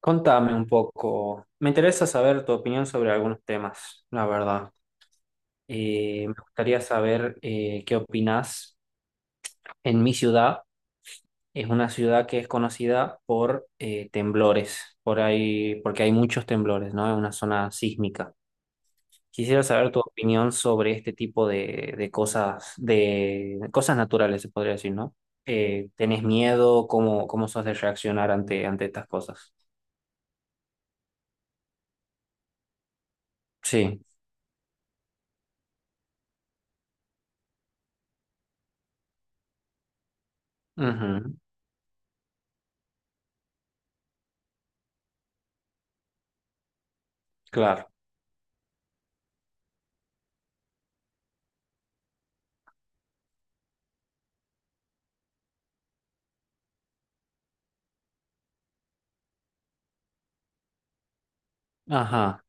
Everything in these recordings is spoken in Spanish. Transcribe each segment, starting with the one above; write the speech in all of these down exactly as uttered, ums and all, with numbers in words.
Contame un poco. Me interesa saber tu opinión sobre algunos temas, la verdad. Eh, me gustaría saber eh, qué opinas. En mi ciudad es una ciudad que es conocida por eh, temblores, por ahí, porque hay muchos temblores, ¿no? Es una zona sísmica. Quisiera saber tu opinión sobre este tipo de, de cosas, de cosas naturales, se podría decir, ¿no? Eh, ¿tenés miedo? ¿Cómo, cómo sos de reaccionar ante, ante estas cosas? Sí. Ujú. Claro. Ajá.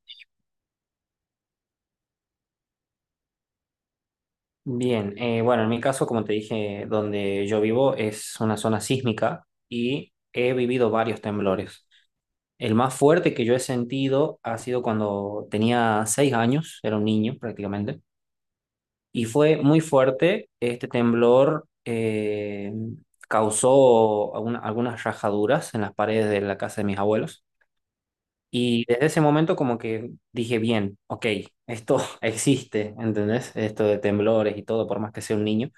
Bien, eh, bueno, en mi caso, como te dije, donde yo vivo es una zona sísmica y he vivido varios temblores. El más fuerte que yo he sentido ha sido cuando tenía seis años, era un niño prácticamente, y fue muy fuerte. Este temblor eh, causó alguna- algunas rajaduras en las paredes de la casa de mis abuelos. Y desde ese momento como que dije, bien, ok, esto existe, ¿entendés? Esto de temblores y todo, por más que sea un niño.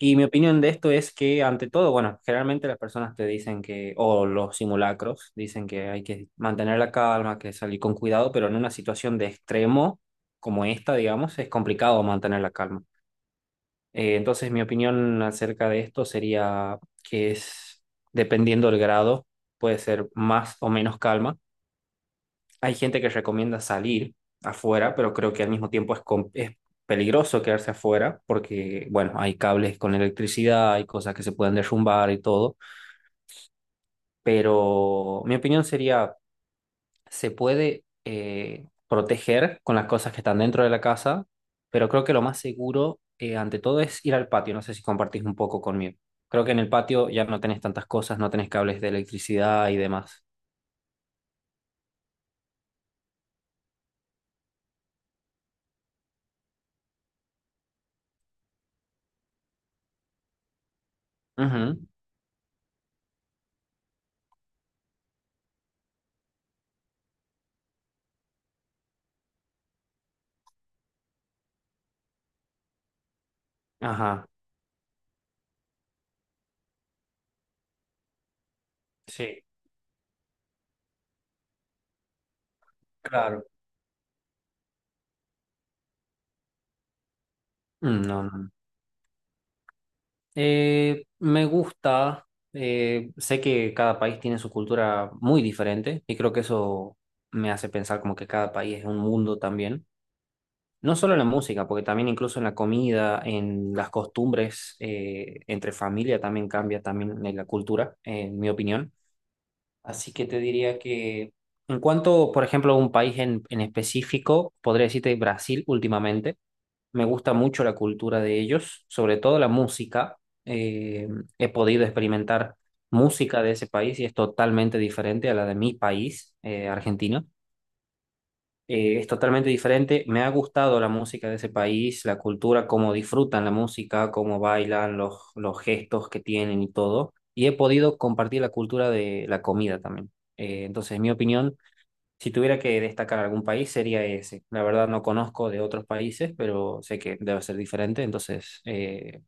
Y mi opinión de esto es que, ante todo, bueno, generalmente las personas te dicen que, o los simulacros, dicen que hay que mantener la calma, que salir con cuidado, pero en una situación de extremo como esta, digamos, es complicado mantener la calma. Eh, entonces, mi opinión acerca de esto sería que es, dependiendo del grado, puede ser más o menos calma. Hay gente que recomienda salir afuera, pero creo que al mismo tiempo es, com- es peligroso quedarse afuera porque, bueno, hay cables con electricidad, hay cosas que se pueden derrumbar y todo, pero mi opinión sería, se puede eh, proteger con las cosas que están dentro de la casa, pero creo que lo más seguro, eh, ante todo, es ir al patio. No sé si compartís un poco conmigo. Creo que en el patio ya no tenés tantas cosas, no tenés cables de electricidad y demás. Ujú. Ajá, sí, claro. Mm, no, no, no. Eh, me gusta, eh, sé que cada país tiene su cultura muy diferente y creo que eso me hace pensar como que cada país es un mundo también. No solo en la música, porque también incluso en la comida, en las costumbres, eh, entre familia también cambia también en la cultura, en mi opinión. Así que te diría que en cuanto, por ejemplo, a un país en, en específico, podría decirte Brasil últimamente. Me gusta mucho la cultura de ellos, sobre todo la música. Eh, he podido experimentar música de ese país y es totalmente diferente a la de mi país, eh, Argentina. Eh, es totalmente diferente. Me ha gustado la música de ese país, la cultura, cómo disfrutan la música, cómo bailan, los, los gestos que tienen y todo. Y he podido compartir la cultura de la comida también. Eh, entonces, en mi opinión, si tuviera que destacar algún país sería ese. La verdad no conozco de otros países, pero sé que debe ser diferente. Entonces, eh,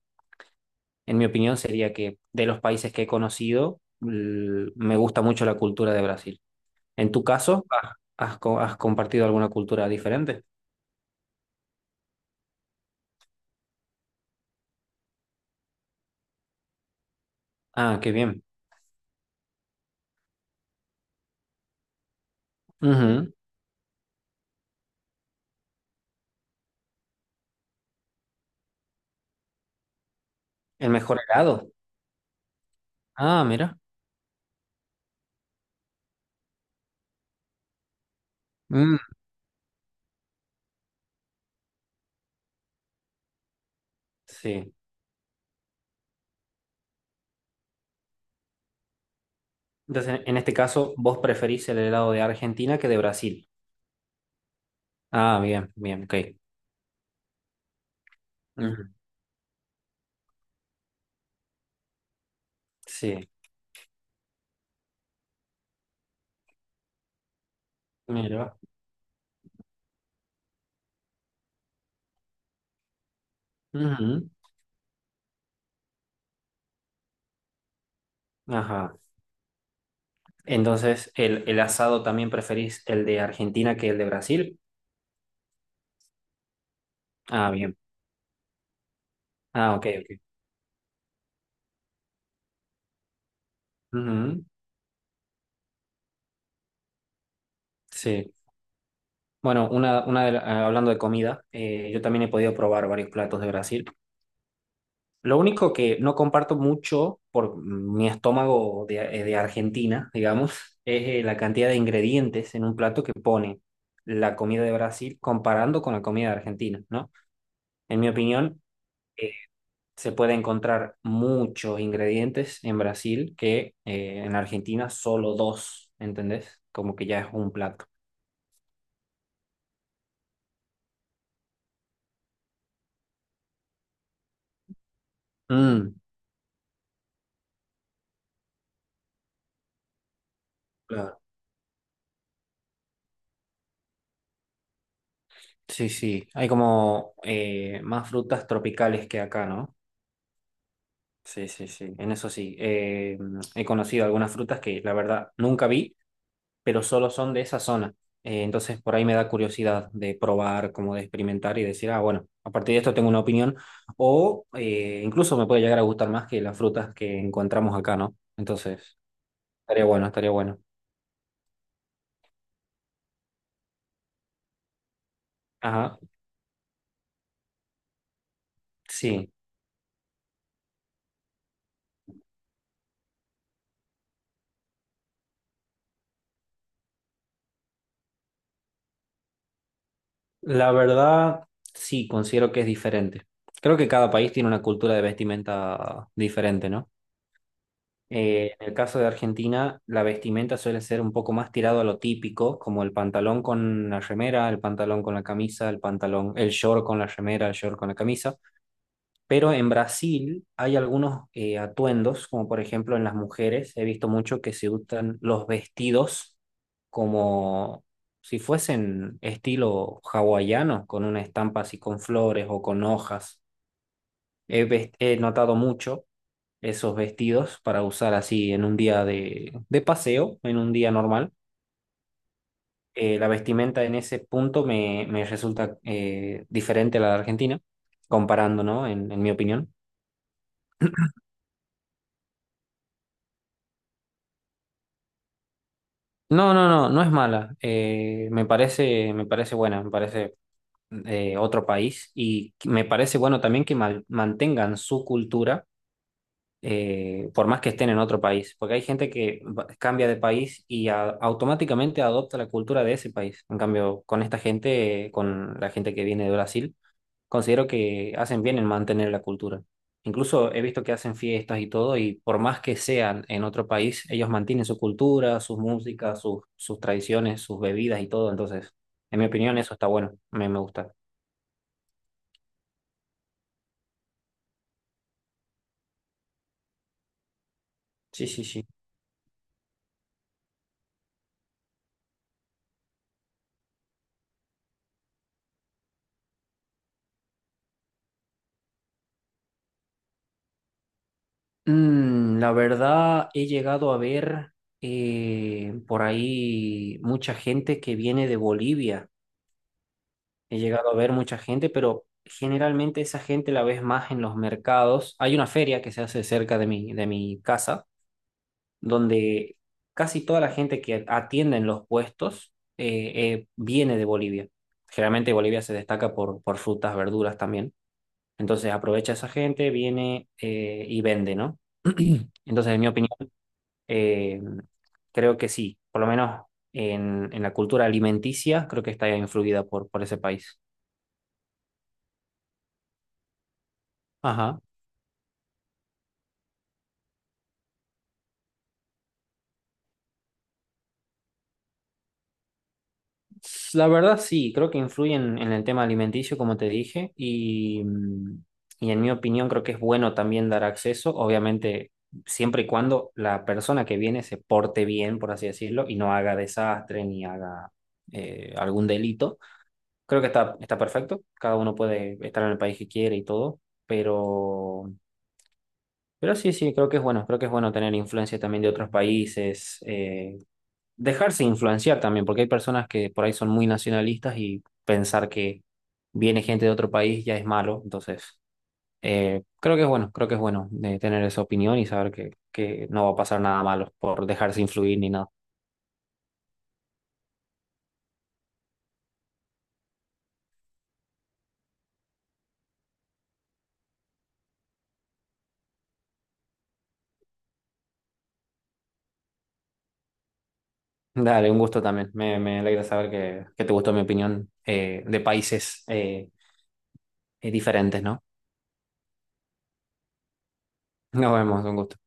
en mi opinión sería que de los países que he conocido, l- me gusta mucho la cultura de Brasil. En tu caso, ¿has, has co- has compartido alguna cultura diferente? Ah, qué bien. Ujú. El mejor helado. Ah, mira. Mm, sí. Entonces, en este caso, vos preferís el helado de Argentina que de Brasil. Ah, bien, bien, ok. Ujú. Sí, mira. Ujú. Ajá. Entonces, ¿el, el asado también preferís el de Argentina que el de Brasil? Ah, bien. Ah, ok, ok. Ujú. Sí. Bueno, una, una de la- ah, hablando de comida, eh, yo también he podido probar varios platos de Brasil. Lo único que no comparto mucho por mi estómago de, eh, de Argentina, digamos, es eh, la cantidad de ingredientes en un plato que pone la comida de Brasil comparando con la comida de Argentina, ¿no? En mi opinión, se puede encontrar muchos ingredientes en Brasil que eh, en Argentina solo dos, ¿entendés? Como que ya es un plato. Mm, claro. Sí, sí. Hay como eh, más frutas tropicales que acá, ¿no? Sí, sí, sí. En eso sí. Eh, he conocido algunas frutas que la verdad nunca vi pero solo son de esa zona. Eh, entonces por ahí me da curiosidad de probar, como de experimentar y decir, ah, bueno, a partir de esto tengo una opinión. O eh, incluso me puede llegar a gustar más que las frutas que encontramos acá, ¿no? Entonces, estaría bueno, estaría bueno. Ajá, sí. La verdad, sí, considero que es diferente. Creo que cada país tiene una cultura de vestimenta diferente, ¿no? Eh, en el caso de Argentina, la vestimenta suele ser un poco más tirado a lo típico, como el pantalón con la remera, el pantalón con la camisa, el pantalón, el short con la remera, el short con la camisa. Pero en Brasil hay algunos eh, atuendos, como por ejemplo en las mujeres, he visto mucho que se usan los vestidos como si fuesen estilo hawaiano, con una estampa así con flores o con hojas. He, ves- he notado mucho esos vestidos para usar así en un día de, de paseo, en un día normal. Eh, la vestimenta en ese punto me, me resulta eh, diferente a la de Argentina, comparando, ¿no? En, en mi opinión. No, no, no, no es mala. Eh, me parece, me parece buena, me parece eh, otro país y me parece bueno también que ma- mantengan su cultura eh, por más que estén en otro país, porque hay gente que va- cambia de país y a- automáticamente adopta la cultura de ese país. En cambio, con esta gente, eh, con la gente que viene de Brasil, considero que hacen bien en mantener la cultura. Incluso he visto que hacen fiestas y todo, y por más que sean en otro país, ellos mantienen su cultura, sus músicas, sus, sus tradiciones, sus bebidas y todo. Entonces, en mi opinión, eso está bueno, me, me gusta. Sí, sí, sí. Mm, la verdad, he llegado a ver eh, por ahí mucha gente que viene de Bolivia. He llegado a ver mucha gente, pero generalmente esa gente la ves más en los mercados. Hay una feria que se hace cerca de mi, de mi casa, donde casi toda la gente que atiende en los puestos eh, eh, viene de Bolivia. Generalmente Bolivia se destaca por, por frutas, verduras también. Entonces aprovecha esa gente, viene eh, y vende, ¿no? Entonces, en mi opinión, eh, creo que sí, por lo menos en, en la cultura alimenticia, creo que está influida por, por ese país. Ajá. S- La verdad sí, creo que influyen en el tema alimenticio, como te dije, y, mm, y en mi opinión creo que es bueno también dar acceso, obviamente siempre y cuando la persona que viene se porte bien, por así decirlo, y no haga desastre ni haga eh, algún delito. Creo que está, está perfecto, cada uno puede estar en el país que quiere y todo, pero Pero sí, sí, creo que es bueno, creo que es bueno tener influencia también de otros países, eh, dejarse influenciar también, porque hay personas que por ahí son muy nacionalistas y pensar que viene gente de otro país ya es malo, entonces eh, creo que es bueno, creo que es bueno de tener esa opinión y saber que, que no va a pasar nada malo por dejarse influir ni nada. Dale, un gusto también, me, me alegra saber que, que te gustó mi opinión eh, de países eh, eh, diferentes, ¿no? Nos vemos, un gusto.